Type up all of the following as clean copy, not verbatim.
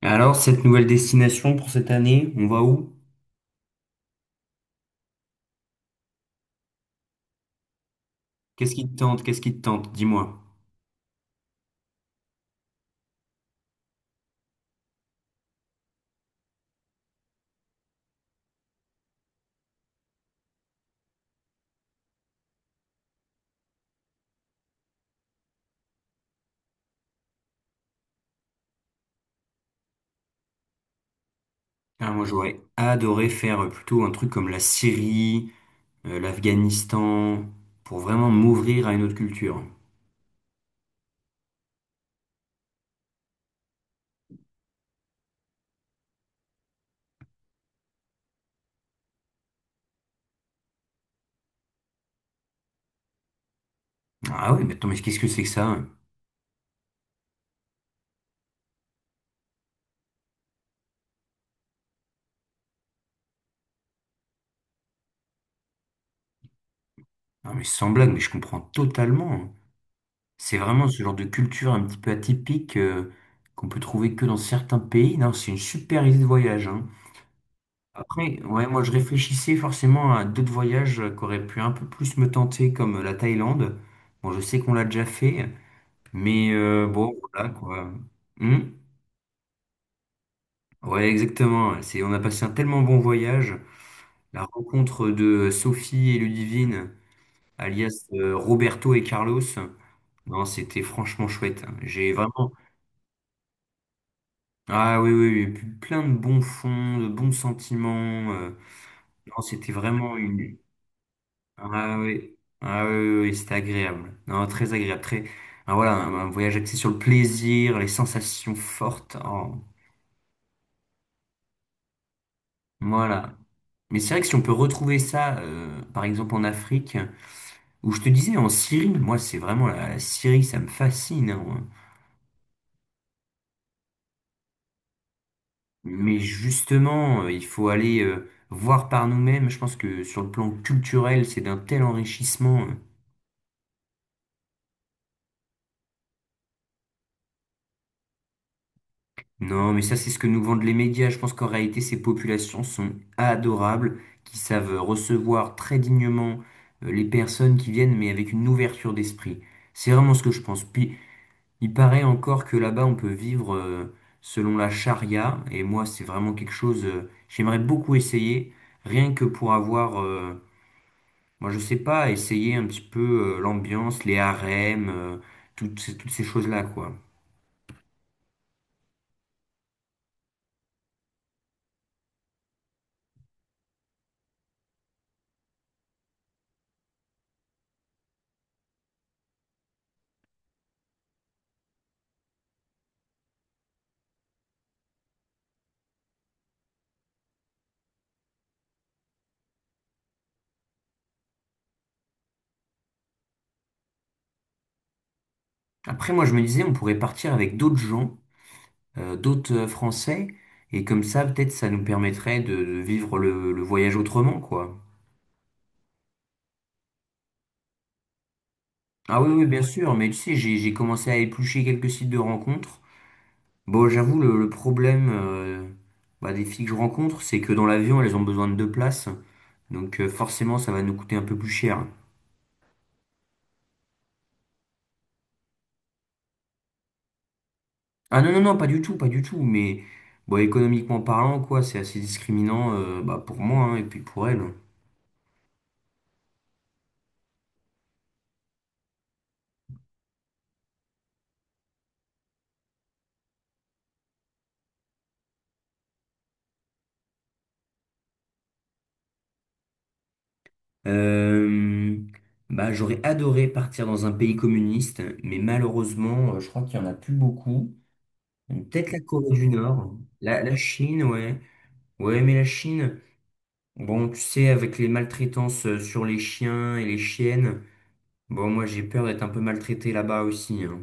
Alors, cette nouvelle destination pour cette année, on va où? Qu'est-ce qui te tente? Qu'est-ce qui te tente? Dis-moi. Ah, moi, j'aurais adoré faire plutôt un truc comme la Syrie, l'Afghanistan, pour vraiment m'ouvrir à une autre culture. Ah oui, mais attends, mais qu'est-ce que c'est que ça? Hein. Ah, mais sans blague, mais je comprends totalement, hein. C'est vraiment ce genre de culture un petit peu atypique qu'on peut trouver que dans certains pays. Non, c'est une super idée de voyage, hein. Après, ouais, moi je réfléchissais forcément à d'autres voyages qui auraient pu un peu plus me tenter, comme la Thaïlande. Bon, je sais qu'on l'a déjà fait, mais bon, voilà quoi. Hmm. Ouais, exactement. C'est, on a passé un tellement bon voyage. La rencontre de Sophie et Ludivine, alias Roberto et Carlos. Non, c'était franchement chouette. J'ai vraiment. Ah oui, oui, oui, plein de bons fonds, de bons sentiments, non, c'était vraiment une, ah oui, ah oui, oui, oui, c'était agréable. Non, très agréable, très. Ah, voilà, un voyage axé sur le plaisir, les sensations fortes. Oh, voilà. Mais c'est vrai que si on peut retrouver ça, par exemple en Afrique, où je te disais en Syrie, moi c'est vraiment la Syrie, ça me fascine, hein. Mais justement, il faut aller voir par nous-mêmes. Je pense que sur le plan culturel, c'est d'un tel enrichissement. Non, mais ça, c'est ce que nous vendent les médias. Je pense qu'en réalité, ces populations sont adorables, qui savent recevoir très dignement les personnes qui viennent, mais avec une ouverture d'esprit. C'est vraiment ce que je pense. Puis, il paraît encore que là-bas, on peut vivre selon la charia. Et moi, c'est vraiment quelque chose, j'aimerais beaucoup essayer, rien que pour avoir, moi, je sais pas, essayer un petit peu l'ambiance, les harems, toutes ces choses-là, quoi. Après, moi, je me disais, on pourrait partir avec d'autres gens , d'autres Français. Et comme ça, peut-être, ça nous permettrait de vivre le voyage autrement, quoi. Ah oui, oui, bien sûr, mais tu sais, j'ai commencé à éplucher quelques sites de rencontres. Bon, j'avoue, le problème bah, des filles que je rencontre, c'est que dans l'avion, elles ont besoin de deux places. Donc forcément, ça va nous coûter un peu plus cher. Ah non, non, non, pas du tout, pas du tout. Mais bon, économiquement parlant, quoi, c'est assez discriminant bah, pour moi hein, et puis pour elles. Euh, bah, j'aurais adoré partir dans un pays communiste, mais malheureusement, je crois qu'il n'y en a plus beaucoup. Donc, peut-être la Corée du Nord, la Chine, ouais. Ouais, mais la Chine, bon, tu sais, avec les maltraitances sur les chiens et les chiennes, bon, moi j'ai peur d'être un peu maltraité là-bas aussi, hein.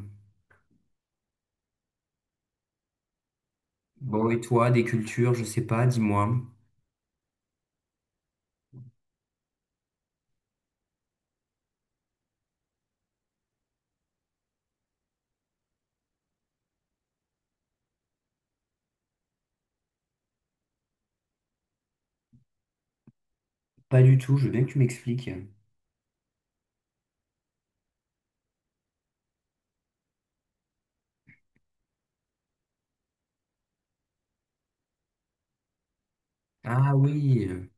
Bon, et toi, des cultures, je sais pas, dis-moi. Pas du tout, je veux bien que tu m'expliques. Ah oui,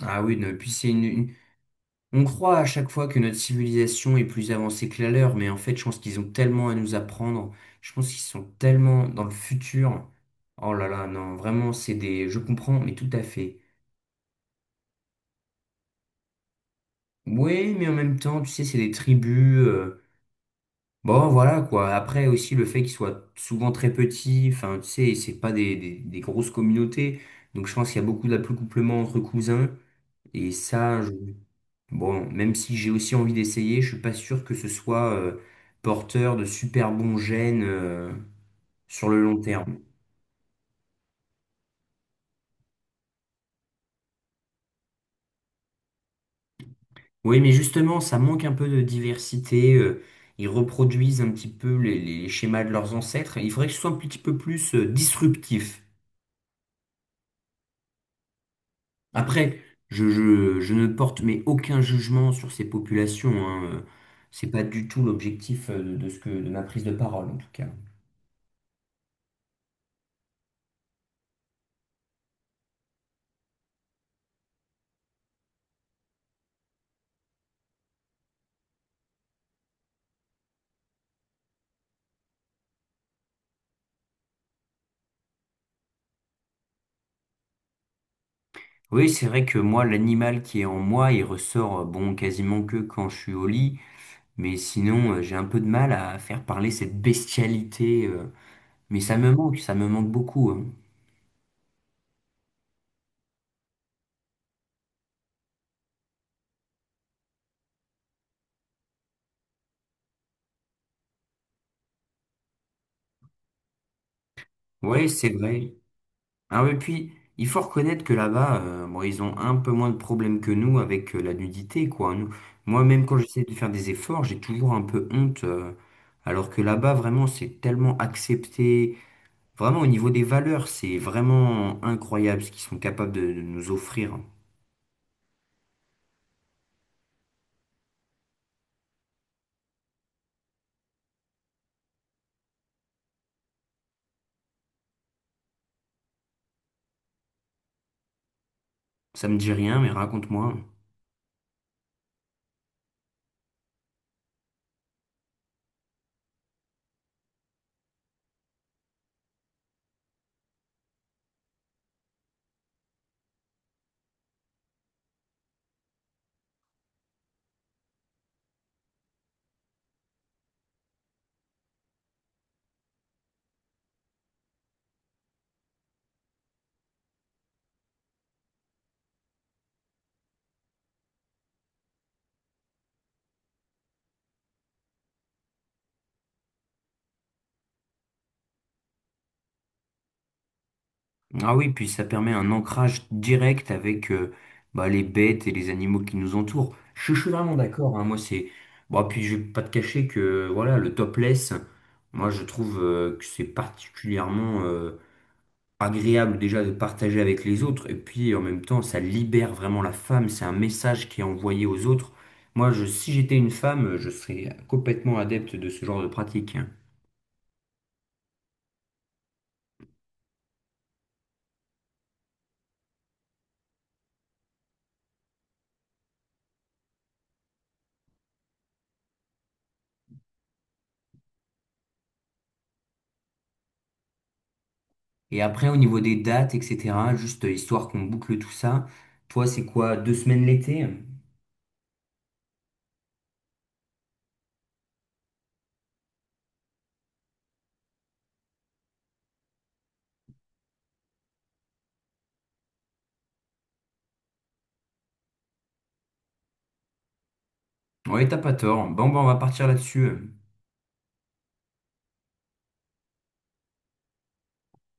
ah oui, non, puis c'est une... On croit à chaque fois que notre civilisation est plus avancée que la leur, mais en fait, je pense qu'ils ont tellement à nous apprendre. Je pense qu'ils sont tellement dans le futur. Oh là là, non, vraiment, c'est des... Je comprends, mais tout à fait. Oui, mais en même temps, tu sais, c'est des tribus. Bon, voilà, quoi. Après, aussi, le fait qu'ils soient souvent très petits, enfin, tu sais, c'est pas des grosses communautés. Donc, je pense qu'il y a beaucoup d'accouplement entre cousins. Et ça, je. Bon, même si j'ai aussi envie d'essayer, je suis pas sûr que ce soit porteur de super bons gènes sur le long terme. Oui, mais justement, ça manque un peu de diversité. Ils reproduisent un petit peu les schémas de leurs ancêtres. Il faudrait que ce soit un petit peu plus disruptif. Après, je ne porte mais aucun jugement sur ces populations, hein. Euh, c'est pas du tout l'objectif de ma prise de parole, en tout cas. Oui, c'est vrai que moi, l'animal qui est en moi, il ressort, bon, quasiment que quand je suis au lit, mais sinon, j'ai un peu de mal à faire parler cette bestialité, mais ça me manque beaucoup, hein. Ouais, c'est vrai. Ah oui, puis, il faut reconnaître que là-bas, bon, ils ont un peu moins de problèmes que nous avec la nudité, quoi, hein. Nous, moi, même quand j'essaie de faire des efforts, j'ai toujours un peu honte, alors que là-bas, vraiment, c'est tellement accepté. Vraiment, au niveau des valeurs, c'est vraiment incroyable ce qu'ils sont capables de nous offrir. Ça me dit rien, mais raconte-moi. Ah oui, puis ça permet un ancrage direct avec bah, les bêtes et les animaux qui nous entourent. Je suis vraiment d'accord, hein, moi, c'est. Bon, puis je vais pas te cacher que voilà, le topless, moi, je trouve que c'est particulièrement agréable déjà de partager avec les autres et puis en même temps ça libère vraiment la femme, c'est un message qui est envoyé aux autres. Moi, je, si j'étais une femme, je serais complètement adepte de ce genre de pratique, hein. Et après, au niveau des dates, etc., juste histoire qu'on boucle tout ça, toi, c'est quoi, deux semaines l'été? Ouais, t'as pas tort. Bon, ben, on va partir là-dessus.